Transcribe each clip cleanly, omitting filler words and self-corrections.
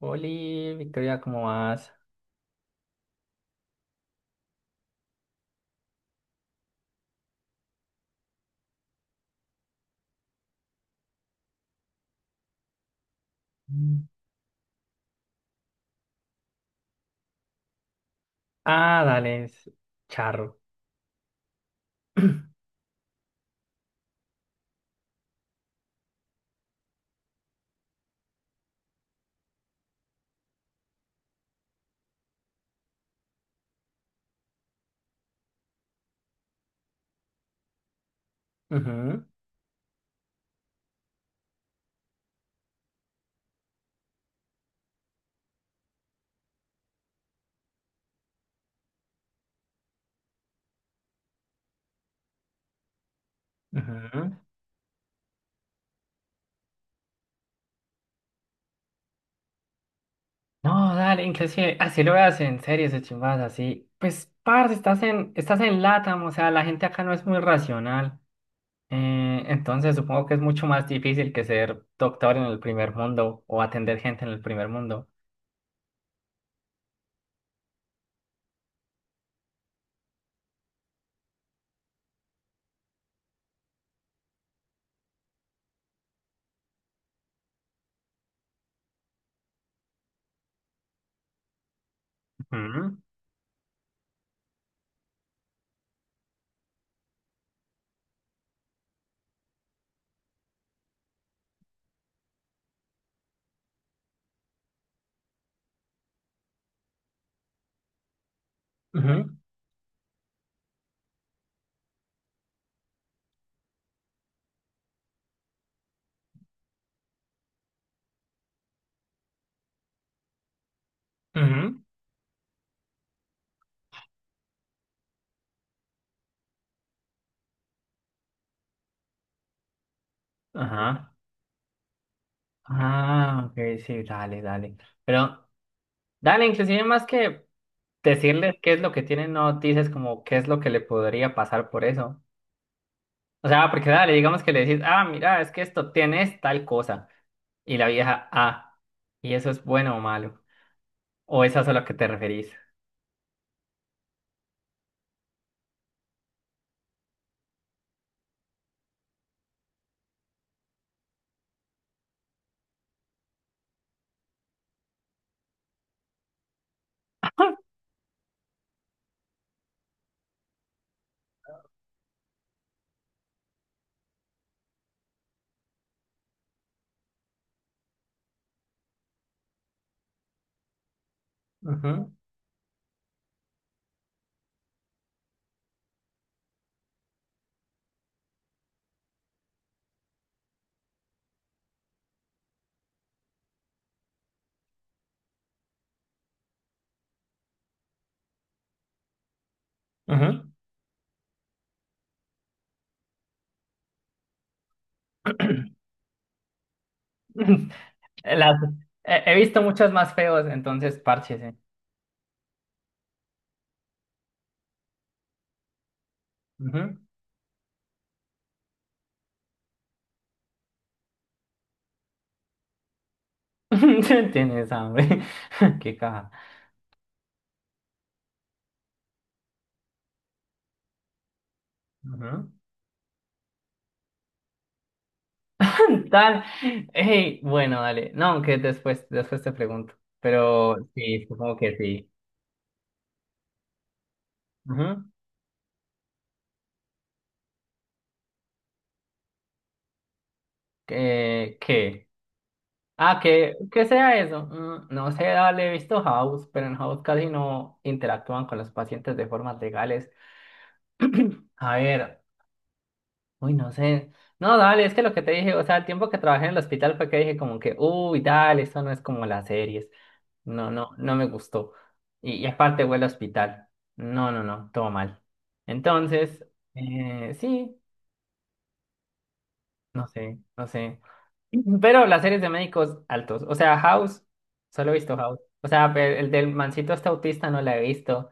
Oli, Victoria, ¿cómo vas? Mm. Ah, dale, es charro. Ujú, ujú. No, dale, inclusive, así lo veas en series o chimbas así. Pues, parce, estás en LATAM, o sea, la gente acá no es muy racional. Entonces supongo que es mucho más difícil que ser doctor en el primer mundo o atender gente en el primer mundo. Ujú. Ujú, ujú. Ajá. Ah, ok, sí, dale, dale. Pero dale, inclusive más que decirles qué es lo que tienen, no dices como qué es lo que le podría pasar por eso. O sea, porque dale, digamos que le decís, ah, mira, es que esto tienes tal cosa. Y la vieja, ah, ¿y eso es bueno o malo? ¿O es eso a lo que te referís? Ujú, ujú. Las- he visto muchos más feos, entonces párchese. Ujú. Tienes hambre. Qué caja. Ujú. Tal. Hey, bueno, dale. No, aunque después, después te pregunto. Pero sí, supongo que sí. Ujú. ¿Qué? Ah, que, ¿qué sea eso? Mm, no sé, dale, he visto House, pero en House casi no interactúan con los pacientes de formas legales. A ver, uy, no sé. No, dale, es que lo que te dije, o sea, el tiempo que trabajé en el hospital fue que dije como que, uy, dale, esto no es como las series. No, no, no me gustó. Y aparte huele a hospital. No, no, no, todo mal. Entonces, sí, no sé, no sé. Pero las series de médicos altos. O sea, House, solo he visto House. O sea, el del mancito este autista no la he visto.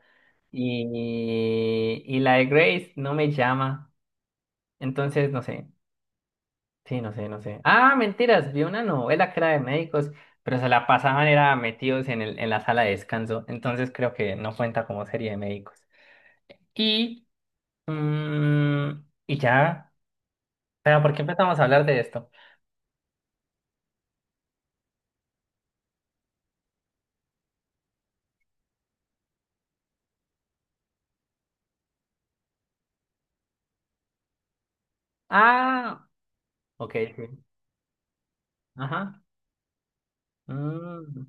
Y la de Grace no me llama. Entonces, no sé. Sí, no sé, no sé. Ah, mentiras, vi una novela que era de médicos, pero se la pasaban, era metidos en la sala de descanso. Entonces creo que no cuenta como serie de médicos. Y, mm, y ya. Pero, ¿por qué empezamos a hablar de esto? Ah, ok, sí. Ajá. mm,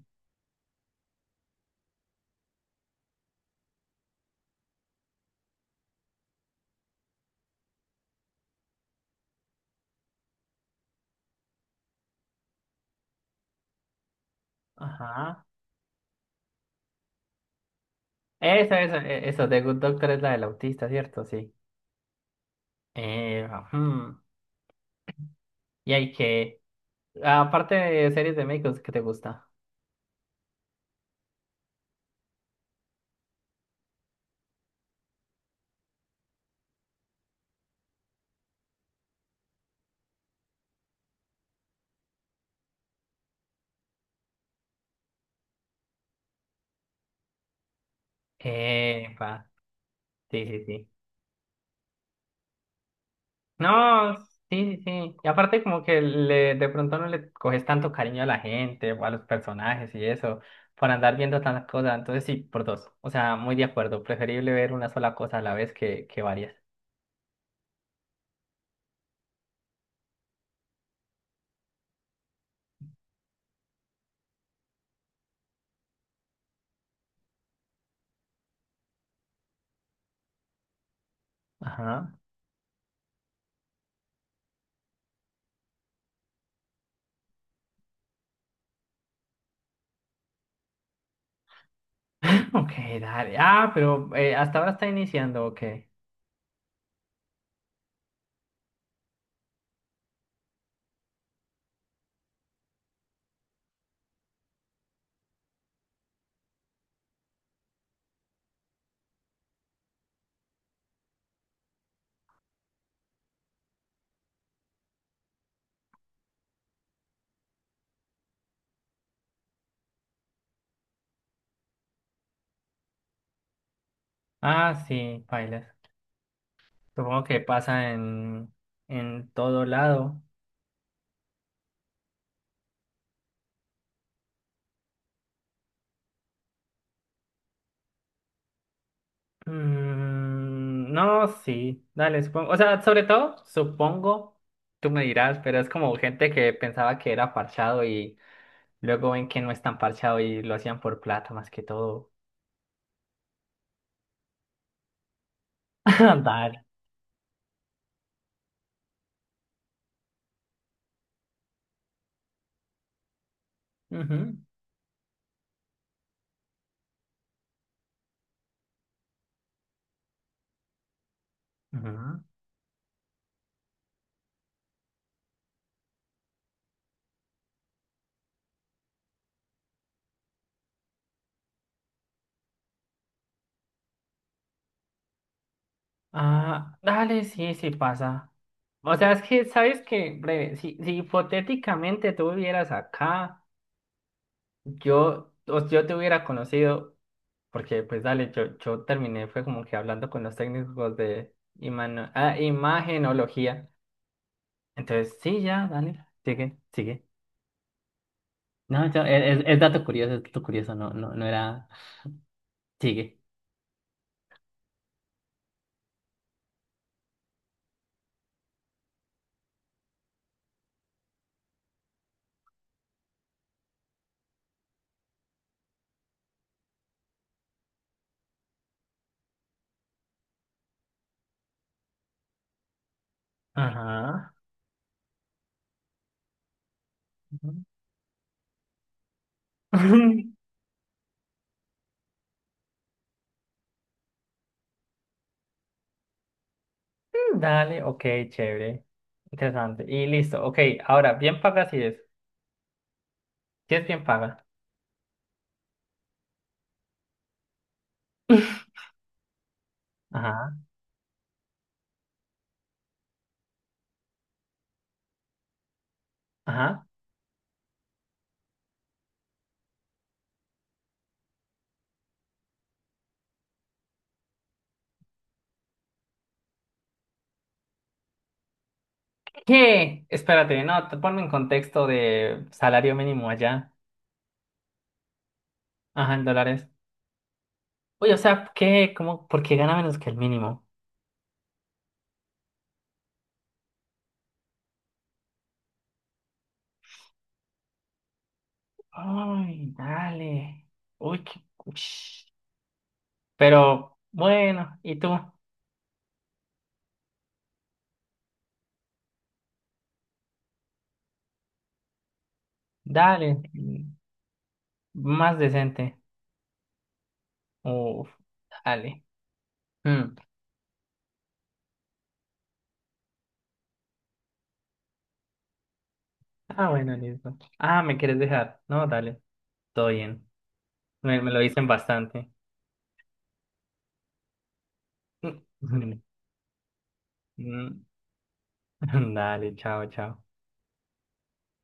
ajá. Eso. The Good Doctor es la del autista, ¿cierto? Sí. Ujú. Y hay que. Aparte de series de médicos, ¿qué te gusta? Pa. Sí, sí, sí. No, sí, sí, sí. Y aparte como que le, de pronto no le coges tanto cariño a la gente o a los personajes y eso, por andar viendo tantas cosas. Entonces sí, por dos. O sea, muy de acuerdo. Preferible ver una sola cosa a la vez que varias. Ajá. Ok, dale. Ah, pero hasta ahora está iniciando, ok. Ah, sí, bailes. Supongo que pasa en todo lado. Mm, no, sí, dale, supongo. O sea, sobre todo, supongo, tú me dirás, pero es como gente que pensaba que era parchado y luego ven que no es tan parchado y lo hacían por plata más que todo. Dale. Ujú, ujú. Ah, dale, sí, sí pasa. O sea, es que, ¿sabes qué? Breve, si hipotéticamente tú vivieras acá, yo te hubiera conocido. Porque, pues, dale, yo terminé, fue como que hablando con los técnicos de ah, imagenología. Entonces, sí, ya, dale, sigue, sigue. No, es dato curioso, no, no, no era. Sigue. Ajá. Ujú. Dale, ok, chévere. Interesante. Y listo, ok. Ahora, bien paga si es. Si es bien paga. Ajá, ajá. ¿Qué? Espérate, no, te ponme en contexto de salario mínimo allá. Ajá, en dólares. Uy, o sea, ¿qué? ¿Cómo? ¿Por qué gana menos que el mínimo? Ay, dale. Uy, qué... ush. Pero bueno, ¿y tú? Dale. Más decente. Uf, dale. Mm. Ah, bueno, listo. Ah, ¿me quieres dejar? No, dale. Todo bien. Me lo dicen bastante. Mm, Dale, chao, chao.